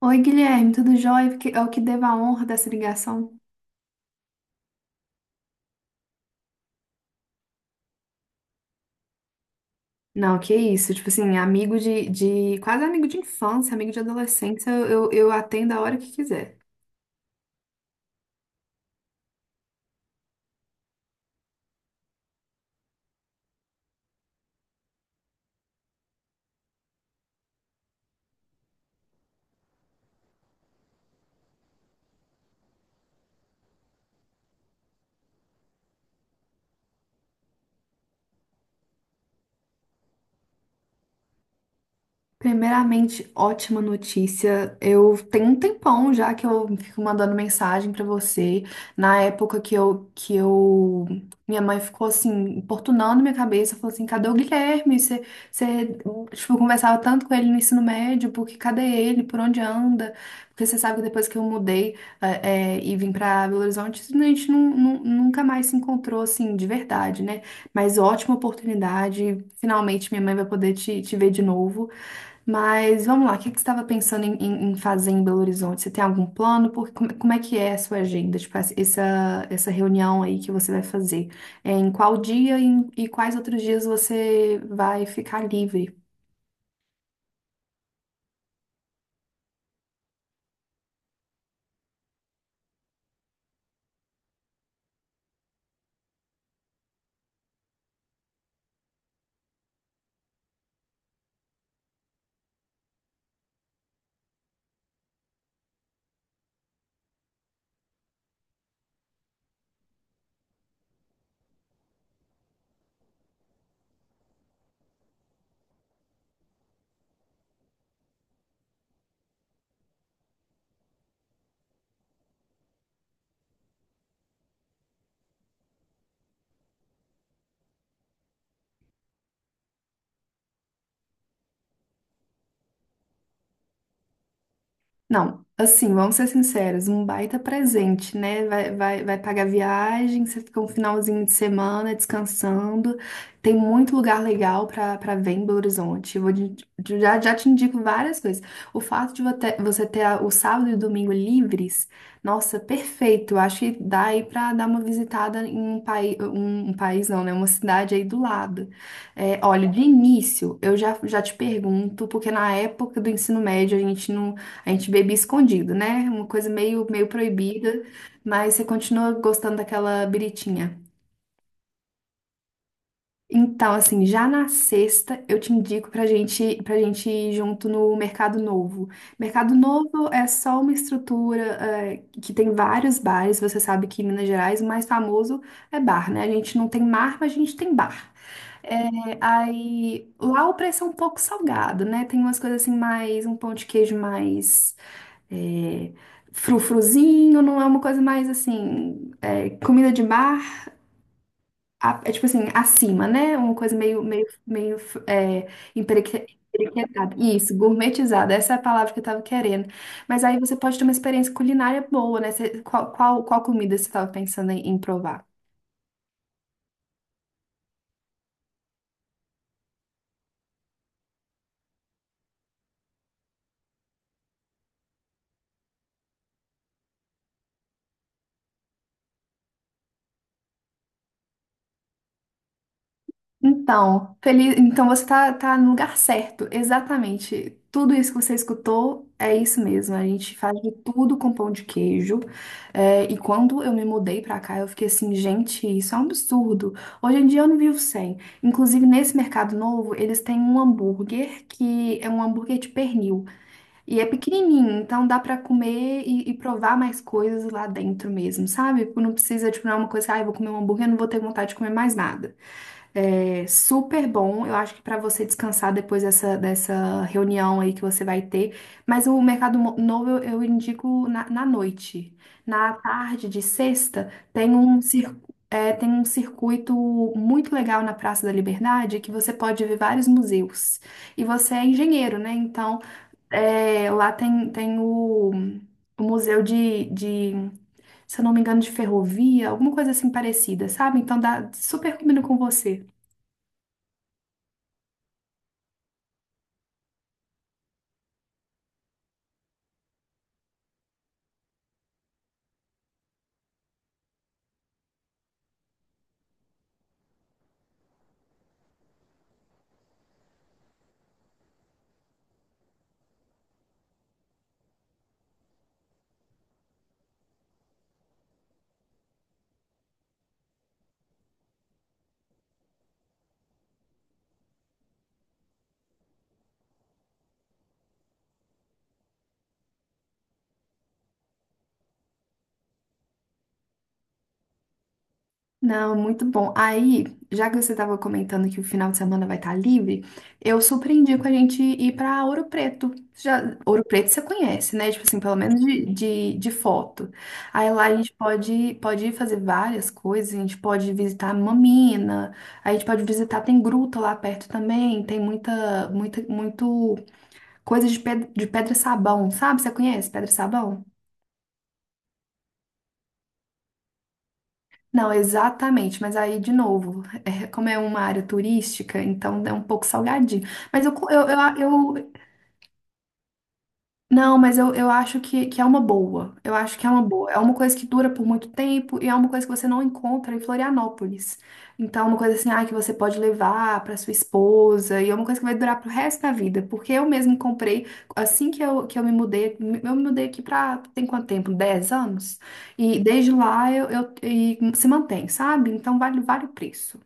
Oi, Guilherme, tudo jóia? É o que devo a honra dessa ligação. Não, que isso, tipo assim, amigo de quase amigo de infância, amigo de adolescência, eu atendo a hora que quiser. Primeiramente, ótima notícia. Eu tenho um tempão já que eu fico mandando mensagem pra você. Na época minha mãe ficou assim, importunando minha cabeça, falou assim: cadê o Guilherme? Você, tipo, conversava tanto com ele no ensino médio, porque cadê ele? Por onde anda? Porque você sabe que depois que eu mudei, eh, e vim pra Belo Horizonte, a gente nunca mais se encontrou assim, de verdade, né? Mas ótima oportunidade. Finalmente minha mãe vai poder te ver de novo. Mas vamos lá, o que que você estava pensando em fazer em Belo Horizonte? Você tem algum plano? Porque, como é que é a sua agenda? Tipo, essa reunião aí que você vai fazer? É, em qual dia e quais outros dias você vai ficar livre? Não, assim, vamos ser sinceros, um baita presente, né? Vai pagar viagem, você fica um finalzinho de semana descansando. Tem muito lugar legal para ver em Belo Horizonte. Eu vou já, já te indico várias coisas. O fato de você ter o sábado e o domingo livres, nossa, perfeito. Eu acho que dá aí para dar uma visitada em um país, não, né? Uma cidade aí do lado. É, olha, de início, eu já te pergunto, porque na época do ensino médio a gente não a gente bebia escondido, né? Uma coisa meio proibida, mas você continua gostando daquela biritinha. Então, assim, já na sexta eu te indico pra gente ir junto no Mercado Novo. Mercado Novo é só uma estrutura, é, que tem vários bares. Você sabe que em Minas Gerais o mais famoso é bar, né? A gente não tem mar, mas a gente tem bar. É, aí lá o preço é um pouco salgado, né? Tem umas coisas assim mais, um pão de queijo mais é, frufruzinho, não é uma coisa mais assim, é, comida de bar, é tipo assim, acima, né? Uma coisa meio é, empereque- emperequetada. Isso, gourmetizada, essa é a palavra que eu tava querendo. Mas aí você pode ter uma experiência culinária boa, né? Qual comida você tava pensando em provar? Então, feliz... então você tá no lugar certo, exatamente. Tudo isso que você escutou é isso mesmo. A gente faz de tudo com pão de queijo. É, e quando eu me mudei pra cá, eu fiquei assim, gente, isso é um absurdo. Hoje em dia eu não vivo sem. Inclusive, nesse mercado novo, eles têm um hambúrguer que é um hambúrguer de pernil. E é pequenininho, então dá pra comer e provar mais coisas lá dentro mesmo, sabe? Não precisa, tipo, não é uma coisa, ah, eu vou comer um hambúrguer, eu não vou ter vontade de comer mais nada. É super bom. Eu acho que para você descansar depois dessa reunião aí que você vai ter. Mas o Novo eu, indico na noite. Na tarde de sexta, é, tem um circuito muito legal na Praça da Liberdade que você pode ver vários museus. E você é engenheiro, né? Então, é, lá tem o museu de se eu não me engano, de ferrovia, alguma coisa assim parecida, sabe? Então dá super combina com você. Não, muito bom. Aí, já que você estava comentando que o final de semana vai estar livre, eu surpreendi com a gente ir para Ouro Preto. Já, Ouro Preto você conhece, né? Tipo assim, pelo menos de foto. Aí lá a gente pode ir fazer várias coisas, a gente pode visitar Mamina, a gente pode visitar, tem gruta lá perto também, tem muito coisa de pedra sabão, sabe? Você conhece pedra sabão? Não, exatamente, mas aí de novo, é, como é uma área turística, então é um pouco salgadinho. Mas eu, co- eu, não, mas eu acho que é uma boa. Eu acho que é uma boa. É uma coisa que dura por muito tempo e é uma coisa que você não encontra em Florianópolis. Então, é uma coisa assim, ah, que você pode levar para sua esposa e é uma coisa que vai durar pro resto da vida. Porque eu mesmo comprei, assim que eu me mudei aqui pra, tem quanto tempo? 10 anos? E desde lá e se mantém, sabe? Então, vale o preço.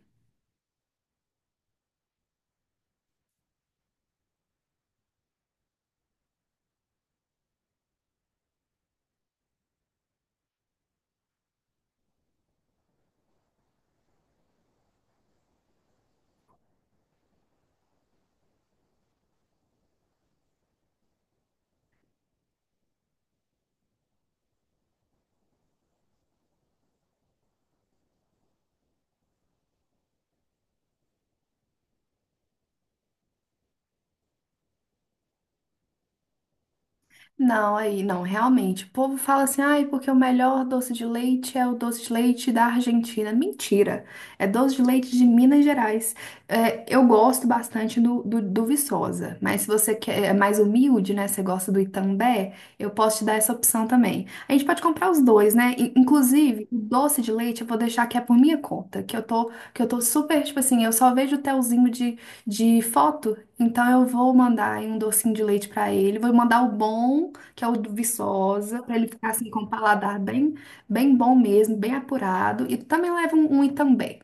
Não, aí, não, realmente. O povo fala assim, ai, porque o melhor doce de leite é o doce de leite da Argentina. Mentira! É doce de leite de Minas Gerais. É, eu gosto bastante do Viçosa, mas se você quer, é mais humilde, né? Você gosta do Itambé, eu posso te dar essa opção também. A gente pode comprar os dois, né? Inclusive, o doce de leite eu vou deixar que é por minha conta, que eu tô super, tipo assim, eu só vejo o telzinho de foto. Então eu vou mandar aí um docinho de leite pra ele, vou mandar o bom que é o do Viçosa, para ele ficar assim com o paladar bem, bem bom mesmo, bem apurado. E também leva um Itambé.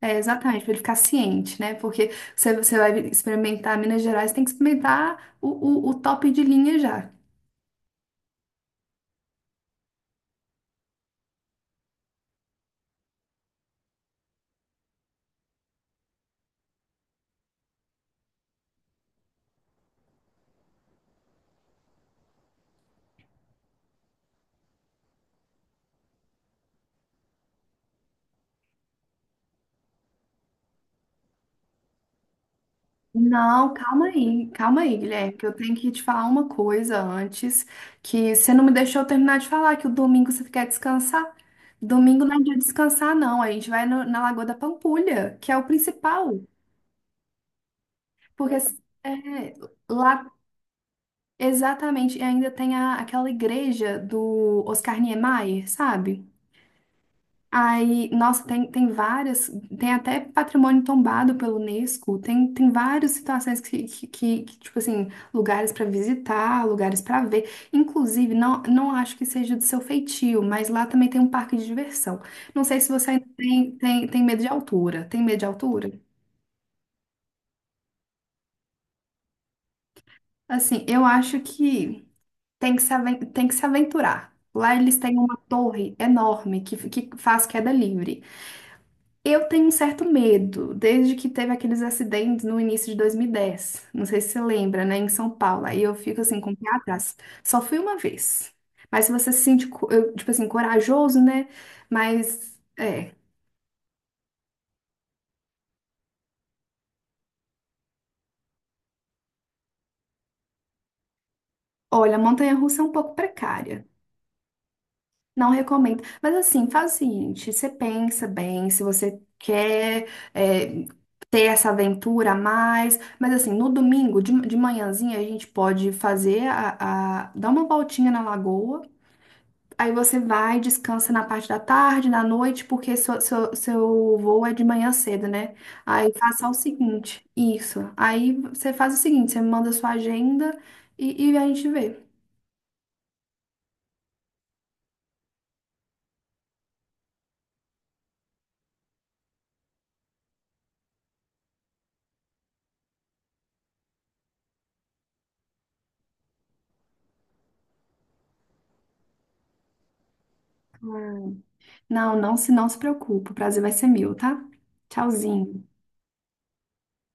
É, exatamente, para ele ficar ciente, né? Porque você vai experimentar Minas Gerais, tem que experimentar o top de linha já. Não, calma aí, Guilherme, que eu tenho que te falar uma coisa antes, que você não me deixou terminar de falar, que o domingo você quer descansar. Domingo não é dia de descansar, não. A gente vai na Lagoa da Pampulha, que é o principal. Porque é, lá exatamente, e ainda tem aquela igreja do Oscar Niemeyer, sabe? Aí, nossa, tem até patrimônio tombado pelo Unesco, tem várias situações que, tipo assim, lugares para visitar, lugares para ver. Inclusive, não acho que seja do seu feitio, mas lá também tem um parque de diversão. Não sei se você ainda tem medo de altura. Tem medo de altura? Assim, eu acho que. Tem que se, aven- tem que se aventurar. Lá eles têm uma torre enorme que faz queda livre. Eu tenho um certo medo, desde que teve aqueles acidentes no início de 2010. Não sei se você lembra, né? Em São Paulo. Aí eu fico assim com o pé atrás. Só fui uma vez. Mas se você se sente, tipo assim, corajoso, né? Mas, é. Olha, a montanha-russa é um pouco precária. Não recomendo. Mas assim, faz o seguinte: você pensa bem, se você quer é, ter essa aventura a mais. Mas assim, no domingo, de manhãzinha, a gente pode fazer dar uma voltinha na lagoa. Aí você vai, descansa na parte da tarde, na noite, porque seu voo é de manhã cedo, né? Aí faça o seguinte: isso. Aí você faz o seguinte: você me manda sua agenda e a gente vê. Não se preocupe. O prazer vai ser meu, tá? Tchauzinho.